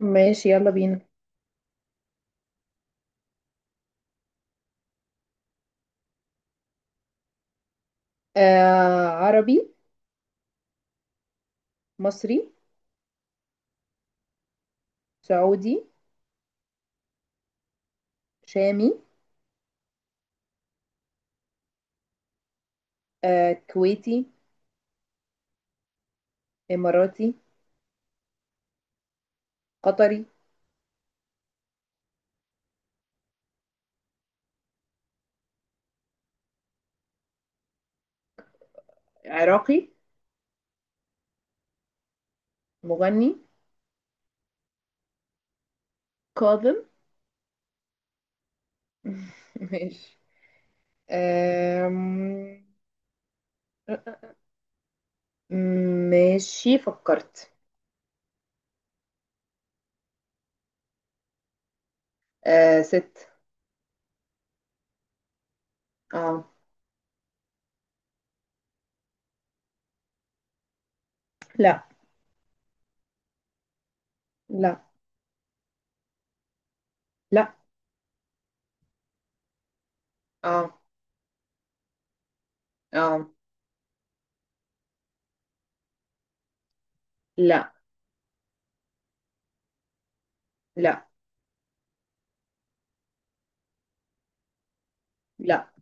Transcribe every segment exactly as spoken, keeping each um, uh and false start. ماشي، يلا بينا. آه، عربي. مصري. سعودي. شامي. آه كويتي. إماراتي. قطري. عراقي. مغني. كاظم. ماشي. آم، ماشي فكرت. آه ست. اه. لا. لا. لا. اه. اه. لا. لا. لا.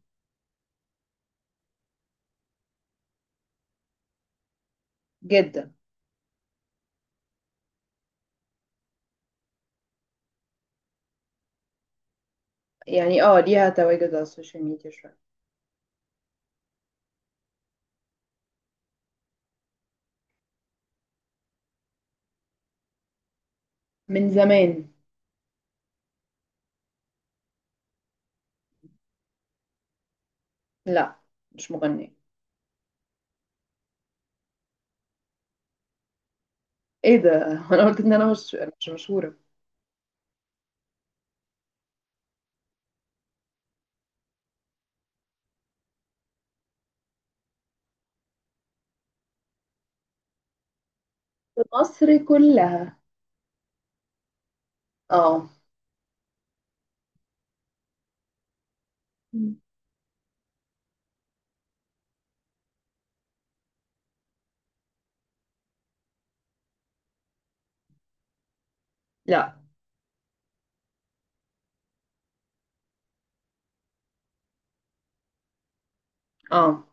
جدا. يعني اه، ليها تواجد على السوشيال ميديا شوية. من زمان. لا، مش مغنية. ايه ده؟ انا قلت ان انا مش مش مشهورة في مصر كلها. اه. مم. لا. اه.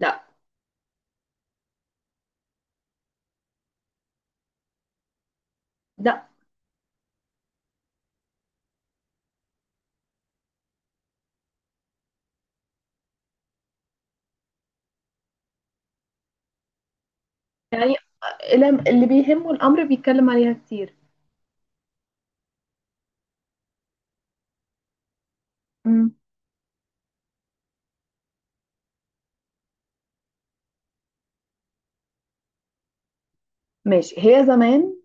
لا. لا. يعني الم- اللي بيهمه الامر بيتكلم عليها كتير. مم. ماشي، هي زمان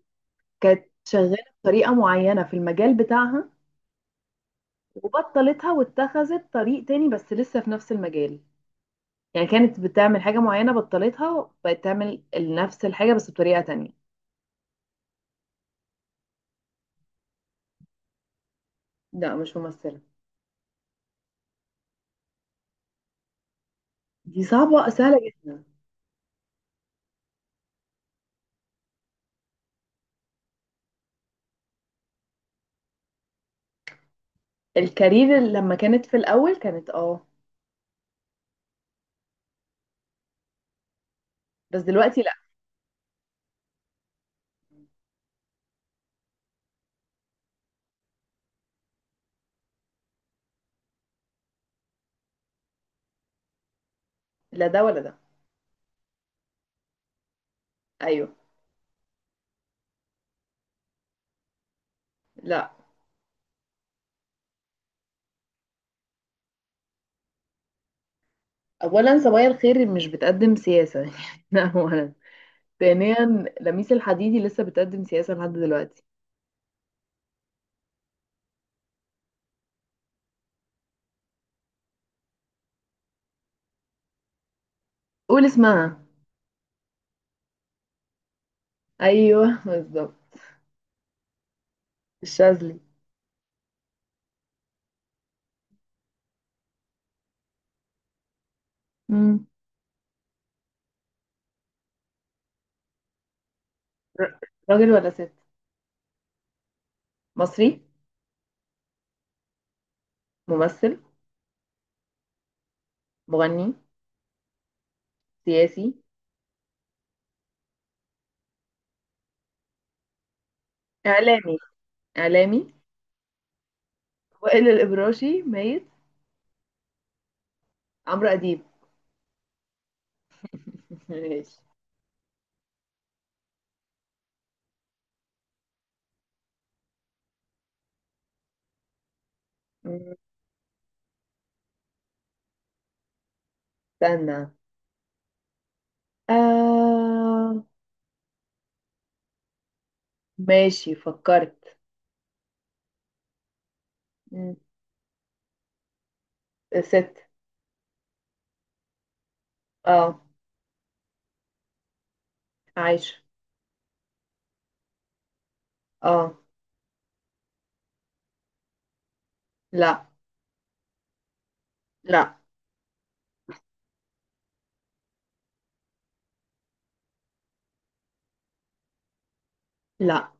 كانت شغالة بطريقة معينة في المجال بتاعها، وبطلتها واتخذت طريق تاني بس لسه في نفس المجال. يعني كانت بتعمل حاجة معينة، بطلتها، بقت تعمل نفس الحاجة بس بطريقة تانية. لا مش ممثلة. دي صعبة سهلة جدا. الكارير اللي لما كانت في الاول كانت اه، بس دلوقتي لا. لا ده ولا ده. ايوه. لا، اولا صبايا الخير مش بتقدم سياسه، ده اولا. ثانيا، لميس الحديدي لسه بتقدم سياسه لحد دلوقتي. قول اسمها. ايوه بالظبط. الشاذلي. مم. ر- راجل ولا ست؟ مصري. ممثل. مغني. سياسي. اعلامي. اعلامي. وائل الابراشي ميت. عمرو اديب. ماشي. مم. استنى. آه... ماشي فكرت. م. ست. اه. عايشة. اه. لا. لا. لا.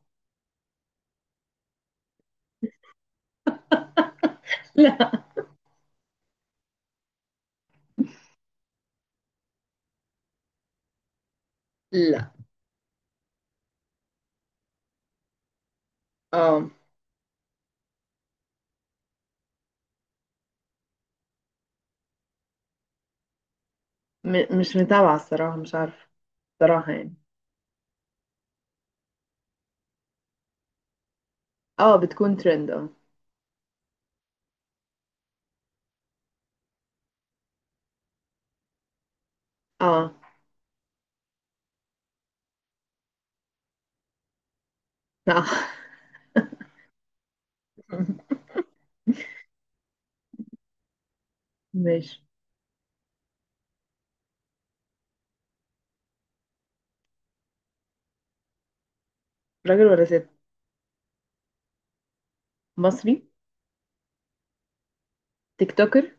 لا. لا. اه. م، مش متابعة الصراحة، مش عارفة الصراحة يعني. اه، بتكون ترند اه. اه. لا. ماشي. راجل ولا ست؟ مصري. تيك توكر.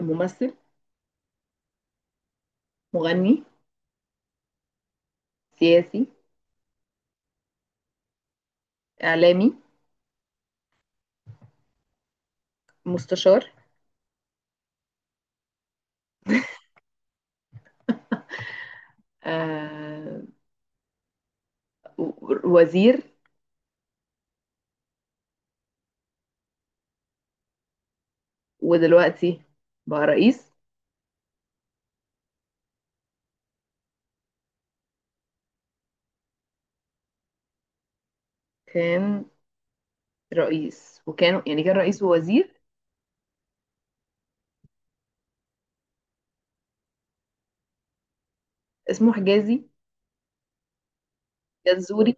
ممثل. مغني. سياسي. إعلامي. مستشار. آه، و- وزير. ودلوقتي بقى رئيس. كان رئيس، وكانوا يعني كان رئيس ووزير. اسمه حجازي. جزوري.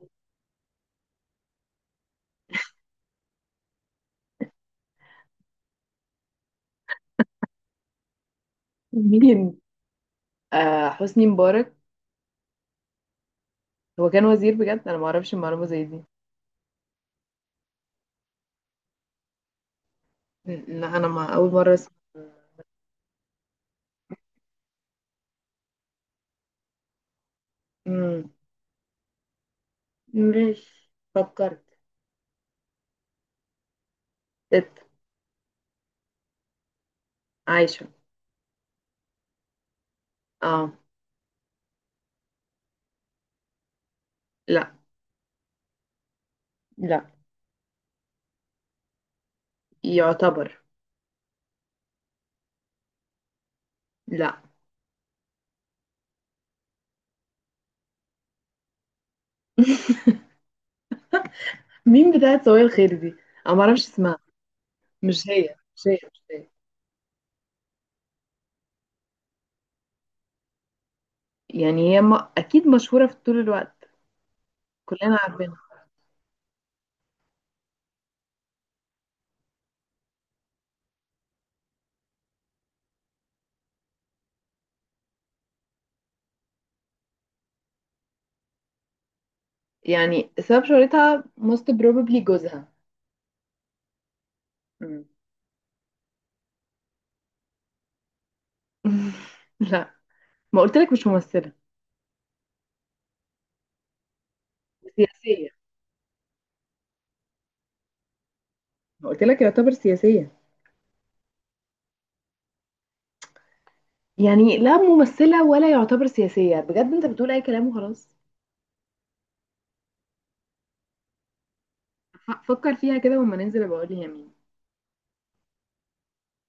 مين؟ آه حسني مبارك. هو كان وزير بجد، انا ما اعرفش المعلومه زي دي. م- لا انا، ما اول مره اسمع. مم. مش فكرت. ست. عايشه. اه. لا. لا. يعتبر. لا. مين بتاعت سوية الخير دي؟ انا ما اعرفش اسمها. مش هي مش هي مش هي. يعني هي ما... اكيد مشهوره في طول الوقت. كلنا عارفينها. يعني سبب شهرتها most probably جوزها. لا، ما قلت لك مش ممثلة. سياسية. ما قلت لك يعتبر سياسية. يعني لا ممثلة ولا يعتبر سياسية، بجد انت بتقول اي كلام وخلاص. ف- فكر فيها كده وما ننزل بقول لي يا مين.